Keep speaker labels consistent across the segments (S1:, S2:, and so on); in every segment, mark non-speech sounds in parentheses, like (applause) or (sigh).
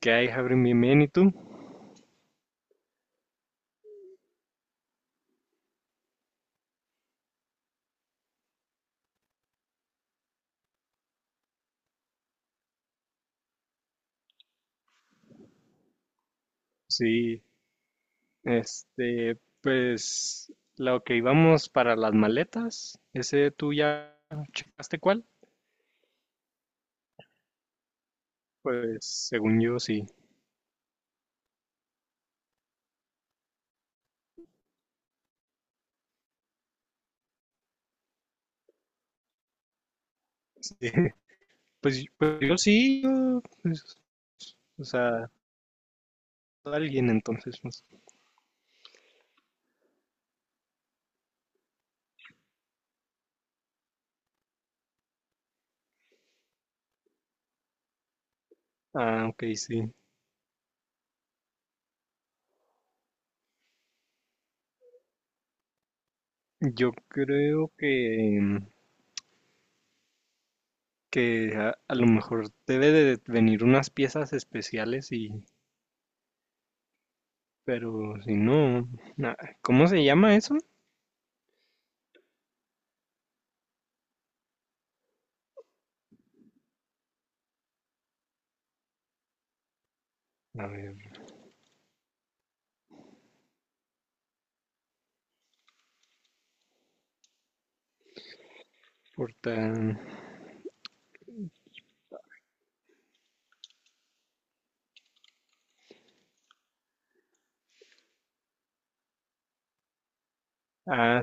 S1: ¿Qué hay, Javier? Bienvenido. ¿Y tú? Sí, este, pues lo que íbamos para las maletas. ¿Ese tú ya checaste cuál? Pues según yo sí. Sí. (laughs) Pues, yo sí, yo, pues, o sea, alguien entonces. Pues. Ah, ok, sí. Yo creo que a lo mejor debe de venir unas piezas especiales y, pero si no, na- ¿cómo se llama eso? A ver, porta. Ah,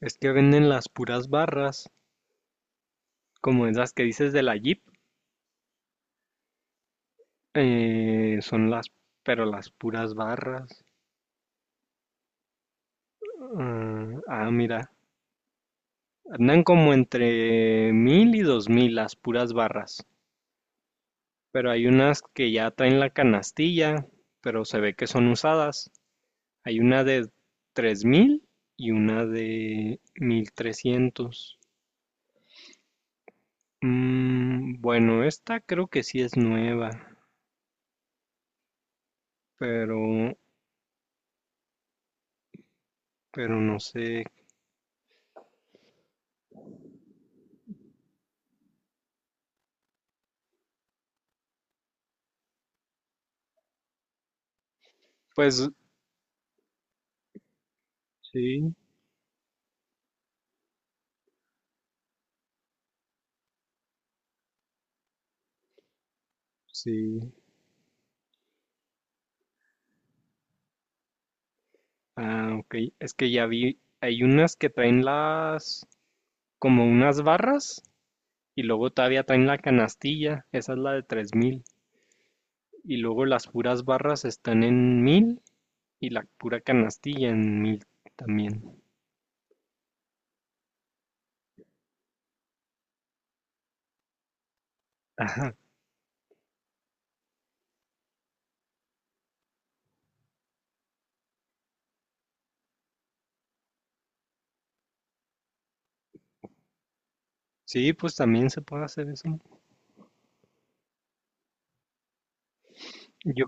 S1: es que venden las puras barras, como esas que dices de la Jeep. Son las, pero las puras barras. Ah, ah, mira, andan como entre 1,000 y 2,000 las puras barras. Pero hay unas que ya traen la canastilla, pero se ve que son usadas. Hay una de 3,000 y una de 1,300. Mm, bueno, esta creo que sí es nueva, pero, pero no sé. Pues sí. Sí. Ah, ok. Es que ya vi, hay unas que traen las, como unas barras y luego todavía traen la canastilla. Esa es la de 3,000. Y luego las puras barras están en 1,000 y la pura canastilla en 1,000 también. Ajá. Sí, pues también se puede hacer eso. Yo,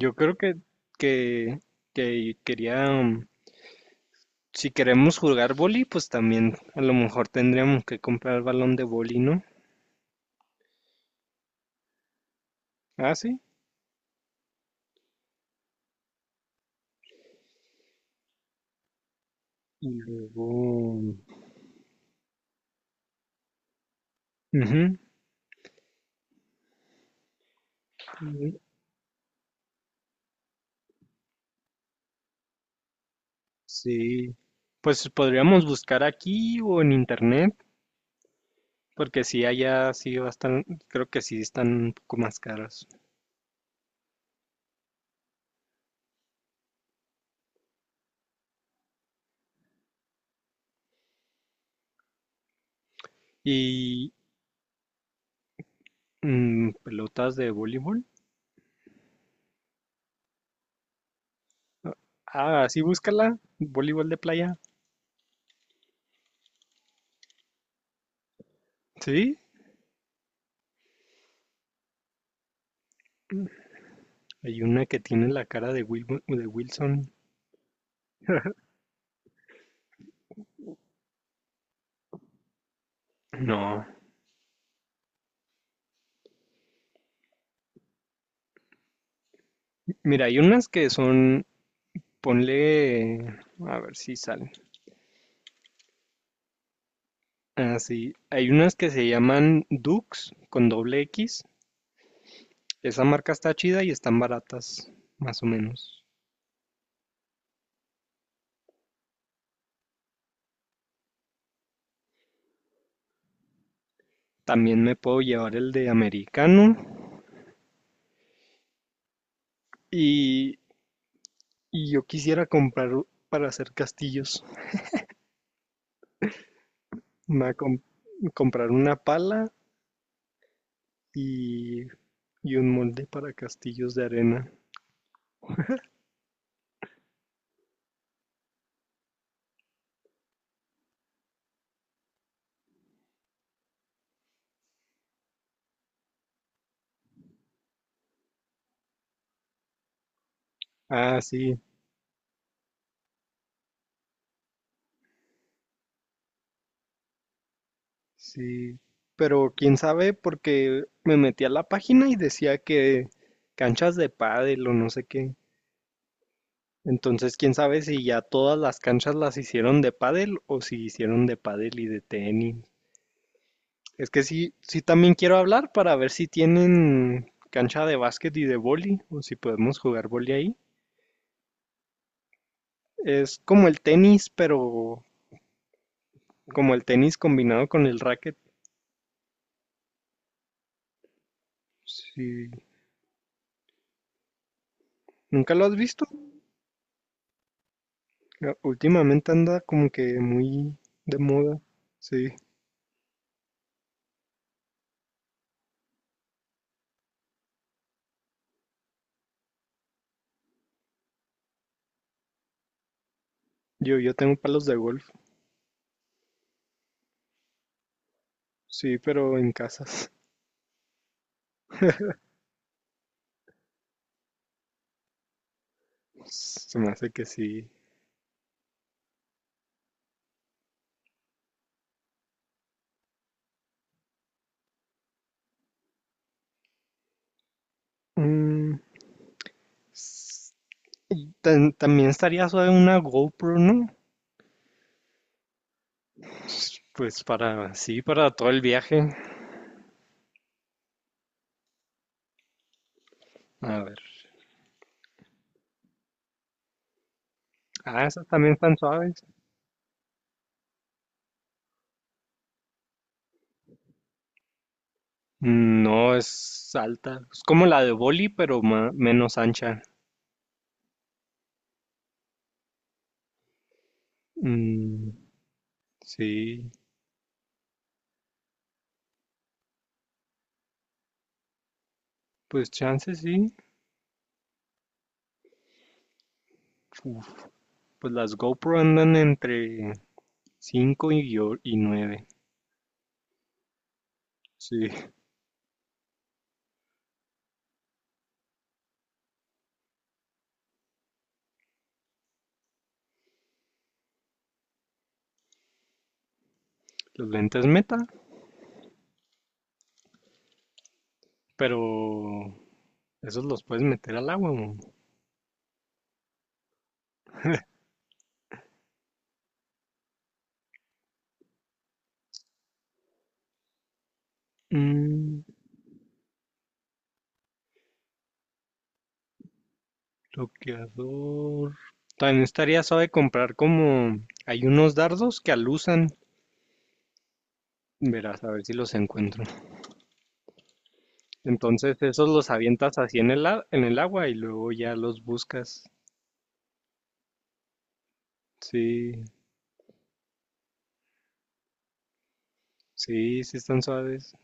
S1: yo creo que, que quería, si queremos jugar boli, pues también a lo mejor tendríamos que comprar el balón de boli, ¿no? Ah, sí. Y luego. Ujú, ujú. Sí, pues podríamos buscar aquí o en internet, porque si allá sí bastan, creo que sí están un poco más caros. Y pelotas de voleibol. Ah, sí, búscala, voleibol de playa. Sí, hay una que tiene la cara de Wilson. No, mira, hay unas que son, ponle, a ver si salen. Ah, sí, hay unas que se llaman Dux con doble X. Esa marca está chida y están baratas, más o menos. También me puedo llevar el de americano y, y yo quisiera comprar para hacer castillos. Me voy a comprar una pala y, y un molde para castillos de arena. Ah, sí, sí. Pero quién sabe porque me metí a la página y decía que canchas de pádel o no sé qué. Entonces, quién sabe si ya todas las canchas las hicieron de pádel o si hicieron de pádel y de tenis. Es que sí, sí también quiero hablar para ver si tienen cancha de básquet y de vóley o si podemos jugar vóley ahí. Es como el tenis, pero como el tenis combinado con el racket. Sí. ¿Nunca lo has visto? Ya, últimamente anda como que muy de moda. Sí. Yo tengo palos de golf. Sí, pero en casas. (laughs) Se me hace que sí. Mm, S- también estaría suave una GoPro, ¿no? Pues para, sí, para todo el viaje. A ver. Ah, esas también están suaves. No es alta. Es como la de Boli, pero menos ancha. Mm, sí, pues chance sí. Uf, pues las GoPro andan entre 5 y 9. Sí, los lentes meta, pero esos los puedes meter al agua, ¿no? Mm, Bloqueador. También estaría suave comprar como hay unos dardos que alusan. Verás, a ver si los encuentro. Entonces esos los avientas así en el agua y luego ya los buscas. Sí, sí, sí están suaves.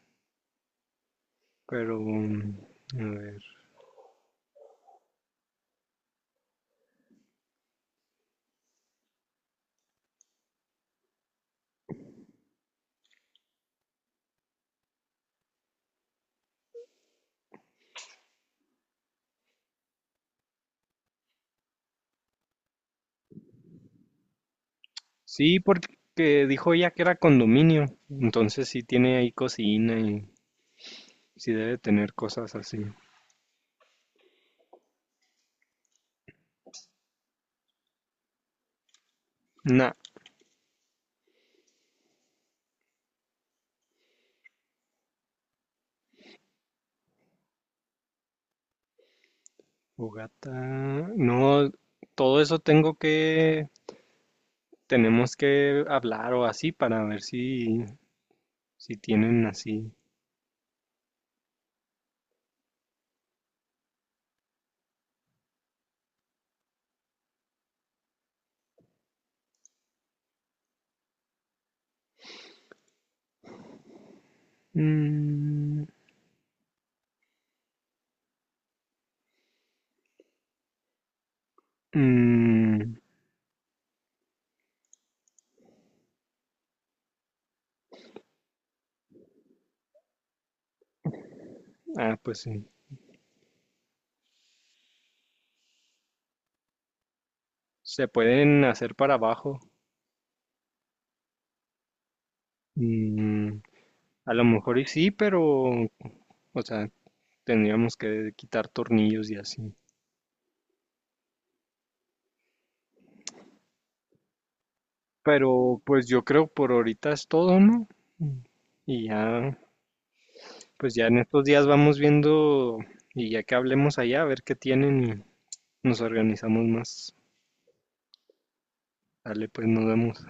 S1: Pero, a ver. Sí, porque dijo ella que era condominio. Entonces sí tiene ahí cocina y sí debe tener cosas así. Nah, fogata. No, todo eso tengo que Tenemos que hablar o así para ver si tienen así. Mm, mm, ah, pues sí. Se pueden hacer para abajo. Mm, a lo mejor y sí, pero, o sea, tendríamos que quitar tornillos y así. Pero pues yo creo por ahorita es todo, ¿no? Y ya, pues ya en estos días vamos viendo y ya que hablemos allá, a ver qué tienen y nos organizamos más. Dale, pues nos vemos.